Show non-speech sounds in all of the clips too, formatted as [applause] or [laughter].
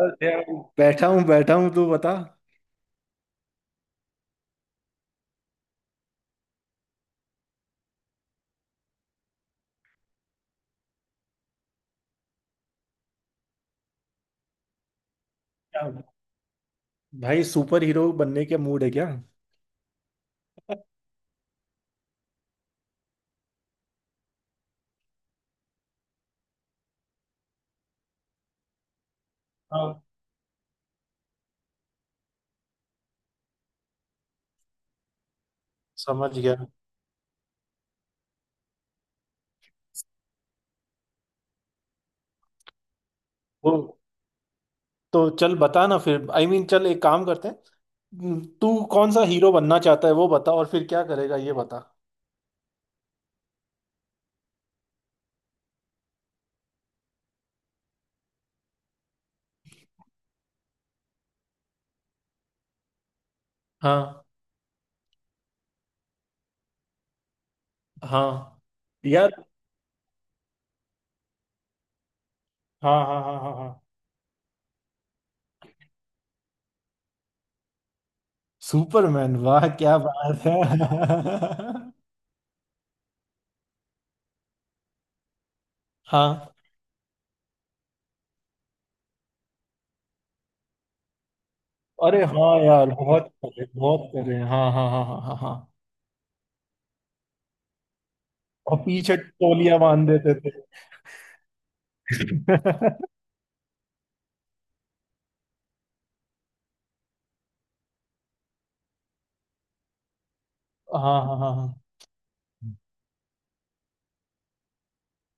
और यार, बैठा हूँ तू बता। क्या- भाई, सुपर हीरो बनने के मूड है क्या? हाँ, समझ गया। वो तो चल बता ना फिर। आई I मीन mean, चल, एक काम करते हैं, तू कौन सा हीरो बनना चाहता है वो बता और फिर क्या करेगा ये बता। हाँ हाँ यार, हाँ हाँ हाँ हाँ हाँ। सुपरमैन? वाह, क्या बात है! [laughs] हाँ। अरे हाँ यार, बहुत करे बहुत करे, हाँ हाँ हाँ हाँ हाँ हाँ। और पीछे तौलिया बांध देते थे। [laughs] हाँ हाँ हाँ हाँ।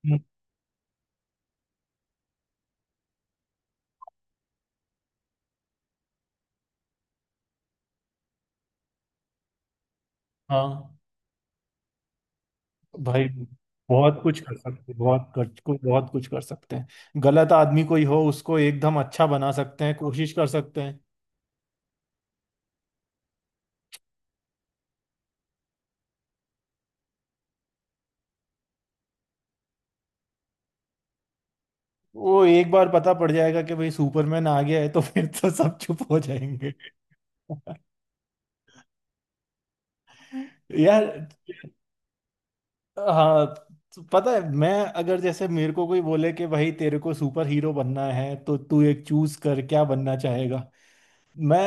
हम्म। हाँ भाई, बहुत कुछ कर सकते, बहुत कर कुछ, बहुत कुछ कर सकते हैं। गलत आदमी कोई हो उसको एकदम अच्छा बना सकते हैं, कोशिश कर सकते हैं। वो एक बार पता पड़ जाएगा कि भाई सुपरमैन आ गया है तो फिर तो सब चुप हो जाएंगे। [laughs] यार, हाँ, तो पता है मैं, अगर जैसे मेरे को कोई बोले कि भाई तेरे को सुपर हीरो बनना है तो तू एक चूज कर, क्या बनना चाहेगा? मैं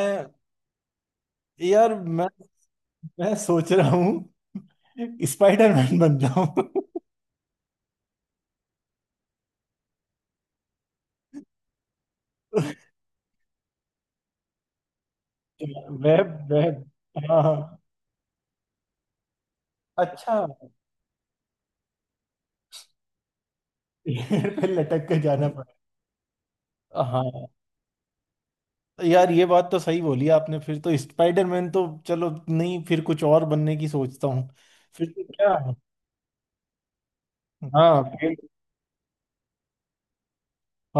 मैं मैं सोच रहा हूँ। [laughs] स्पाइडरमैन बन जाऊं मैं। मैं [laughs] हाँ हाँ। अच्छा। [laughs] फिर लटक के जाना पड़ा। हाँ यार, ये बात तो सही बोली आपने, फिर तो स्पाइडरमैन तो चलो नहीं, फिर कुछ और बनने की सोचता हूँ। फिर तो क्या। हाँ।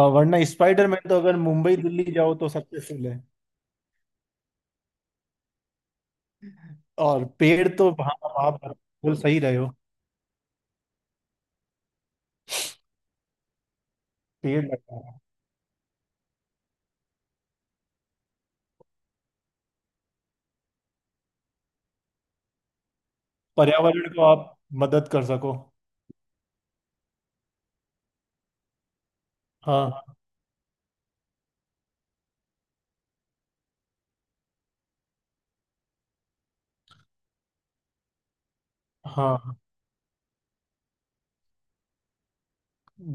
और वरना स्पाइडरमैन तो अगर मुंबई दिल्ली जाओ तो सक्सेसफुल है। और पेड़ तो हाँ, आप बिल्कुल सही रहे हो। पेड़ लगाओ, पर्यावरण को आप मदद कर सको। हाँ हाँ।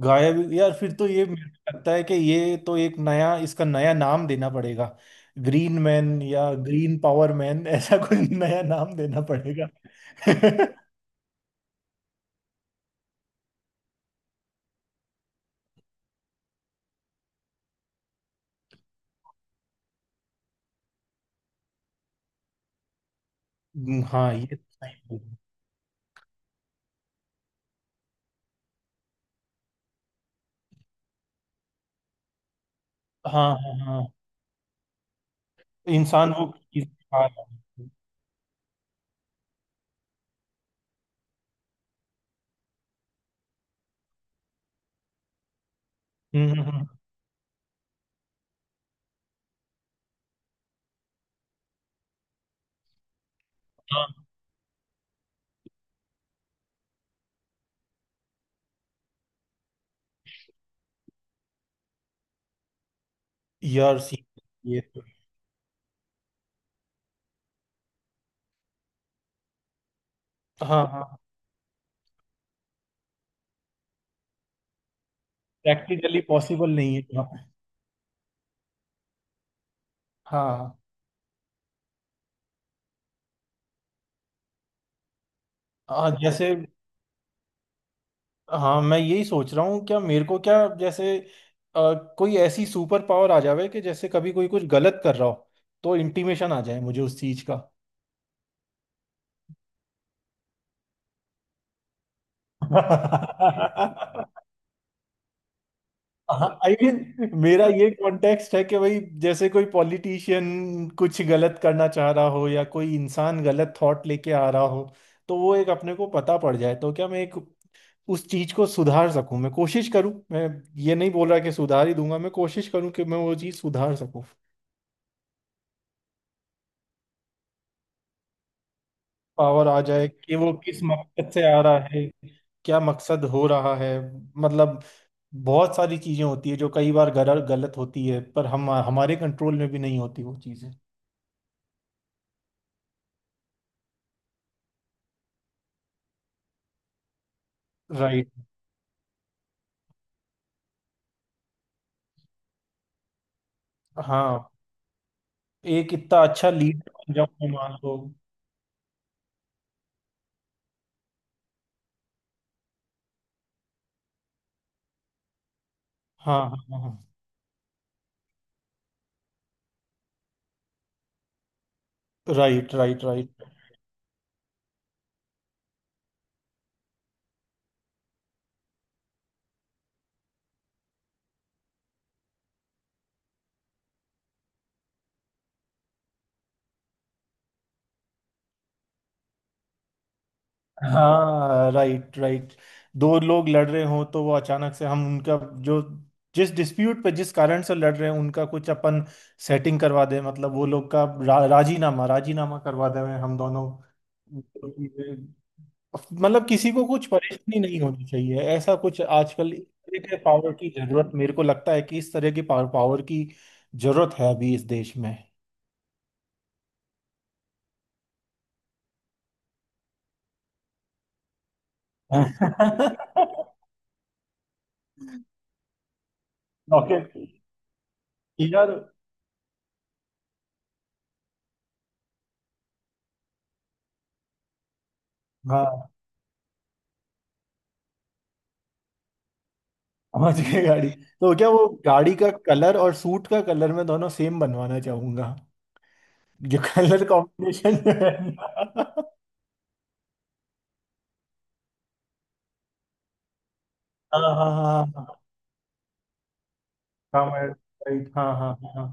गायब? यार फिर तो ये मेरे को लगता है कि ये तो एक नया, इसका नया नाम देना पड़ेगा। ग्रीन मैन या ग्रीन पावर मैन, ऐसा कोई [laughs] नया नाम देना पड़ेगा। [laughs] हाँ, ये तो सही बोल रहे हो। हाँ हाँ हाँ। इंसान वो चीज़ खा रहा है। हम्म हम्म, हम्म। यार सी, ये तो। हाँ हाँ, प्रैक्टिकली पॉसिबल नहीं है यहाँ पे। हाँ हाँ जैसे, हाँ मैं यही सोच रहा हूँ क्या मेरे को, क्या जैसे कोई ऐसी सुपर पावर आ जावे कि जैसे कभी कोई कुछ गलत कर रहा हो तो इंटीमेशन आ जाए मुझे उस चीज का। [laughs] आई मीन, मेरा ये कॉन्टेक्स्ट है कि भाई, जैसे कोई पॉलिटिशियन कुछ गलत करना चाह रहा हो या कोई इंसान गलत थॉट लेके आ रहा हो, तो वो एक अपने को पता पड़ जाए, तो क्या मैं एक उस चीज को सुधार सकूं, मैं कोशिश करूं मैं। ये नहीं बोल रहा कि सुधार ही दूंगा, मैं कोशिश करूं कि मैं वो चीज सुधार सकूं। पावर आ जाए कि वो किस मकसद से आ रहा है, क्या मकसद हो रहा है, मतलब। बहुत सारी चीजें होती है जो कई बार गलत गलत होती है, पर हम हमारे कंट्रोल में भी नहीं होती वो चीजें। राइट। हाँ, एक इतना अच्छा लीडर बन जाऊं मैं, मान लो। हाँ हाँ हाँ हाँ। Right right right. हाँ, राइट राइट। दो लोग लड़ रहे हों तो वो अचानक से हम उनका, जो जिस डिस्प्यूट पे जिस कारण से लड़ रहे हैं उनका कुछ अपन सेटिंग करवा दें, मतलब वो लोग का राजीनामा, करवा दें हम दोनों। मतलब किसी को कुछ परेशानी नहीं होनी चाहिए, ऐसा कुछ। आजकल इस तरह के पावर की जरूरत, मेरे को लगता है कि इस तरह की पावर की जरूरत है अभी इस देश में। [laughs] ओके, यार, हाँ, समझ गए। गाड़ी तो क्या, वो गाड़ी का कलर और सूट का कलर मैं दोनों सेम बनवाना चाहूंगा, जो कलर कॉम्बिनेशन है। हाँ हाँ हाँ हाँ हाँ, मैं राइट, हाँ हाँ हाँ।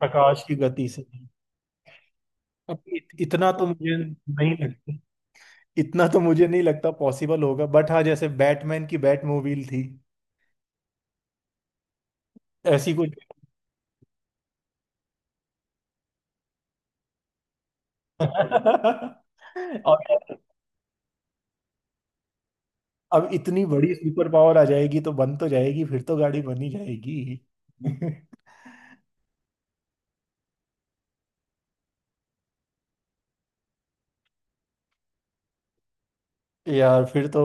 प्रकाश की गति से? इतना तो मुझे नहीं लगता। इतना तो मुझे नहीं लगता पॉसिबल होगा, बट हाँ, जैसे बैटमैन की बैटमोबाइल थी, ऐसी कुछ। [laughs] और अब इतनी बड़ी सुपर पावर आ जाएगी तो बन तो जाएगी, फिर तो गाड़ी बन ही जाएगी। [laughs] यार फिर तो,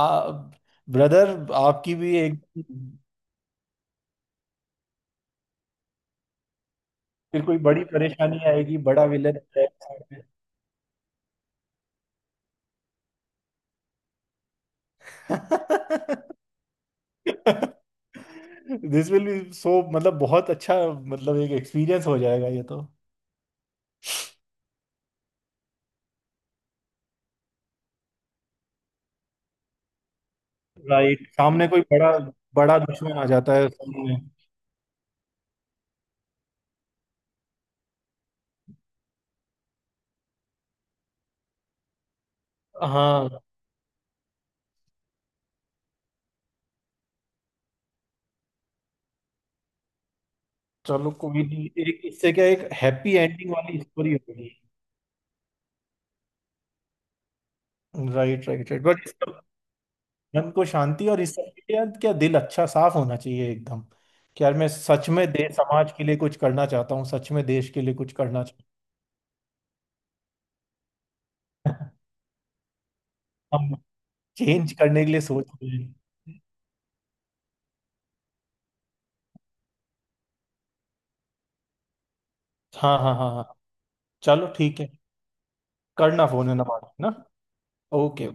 आ, ब्रदर, आपकी भी एक। फिर कोई बड़ी परेशानी आएगी, बड़ा विलन आएगा। दिस विल बी सो [laughs] मतलब बहुत अच्छा, मतलब एक एक्सपीरियंस हो जाएगा ये तो। राइट, सामने कोई बड़ा, बड़ा दुश्मन आ जाता है सामने। हाँ। चलो कोई नहीं, एक इससे क्या, एक हैप्पी एंडिंग वाली स्टोरी होगी। राइट राइट राइट, बट मन को शांति और इस सब के लिए यार क्या दिल अच्छा साफ होना चाहिए एकदम, कि यार मैं सच में देश समाज के लिए कुछ करना चाहता हूँ, सच में देश के लिए कुछ करना चाहता हूँ। [laughs] हम चेंज करने के लिए सोच रहे हैं। हाँ हाँ हाँ हाँ, चलो ठीक है। करना फोन है ना बाद में, ना। ओके।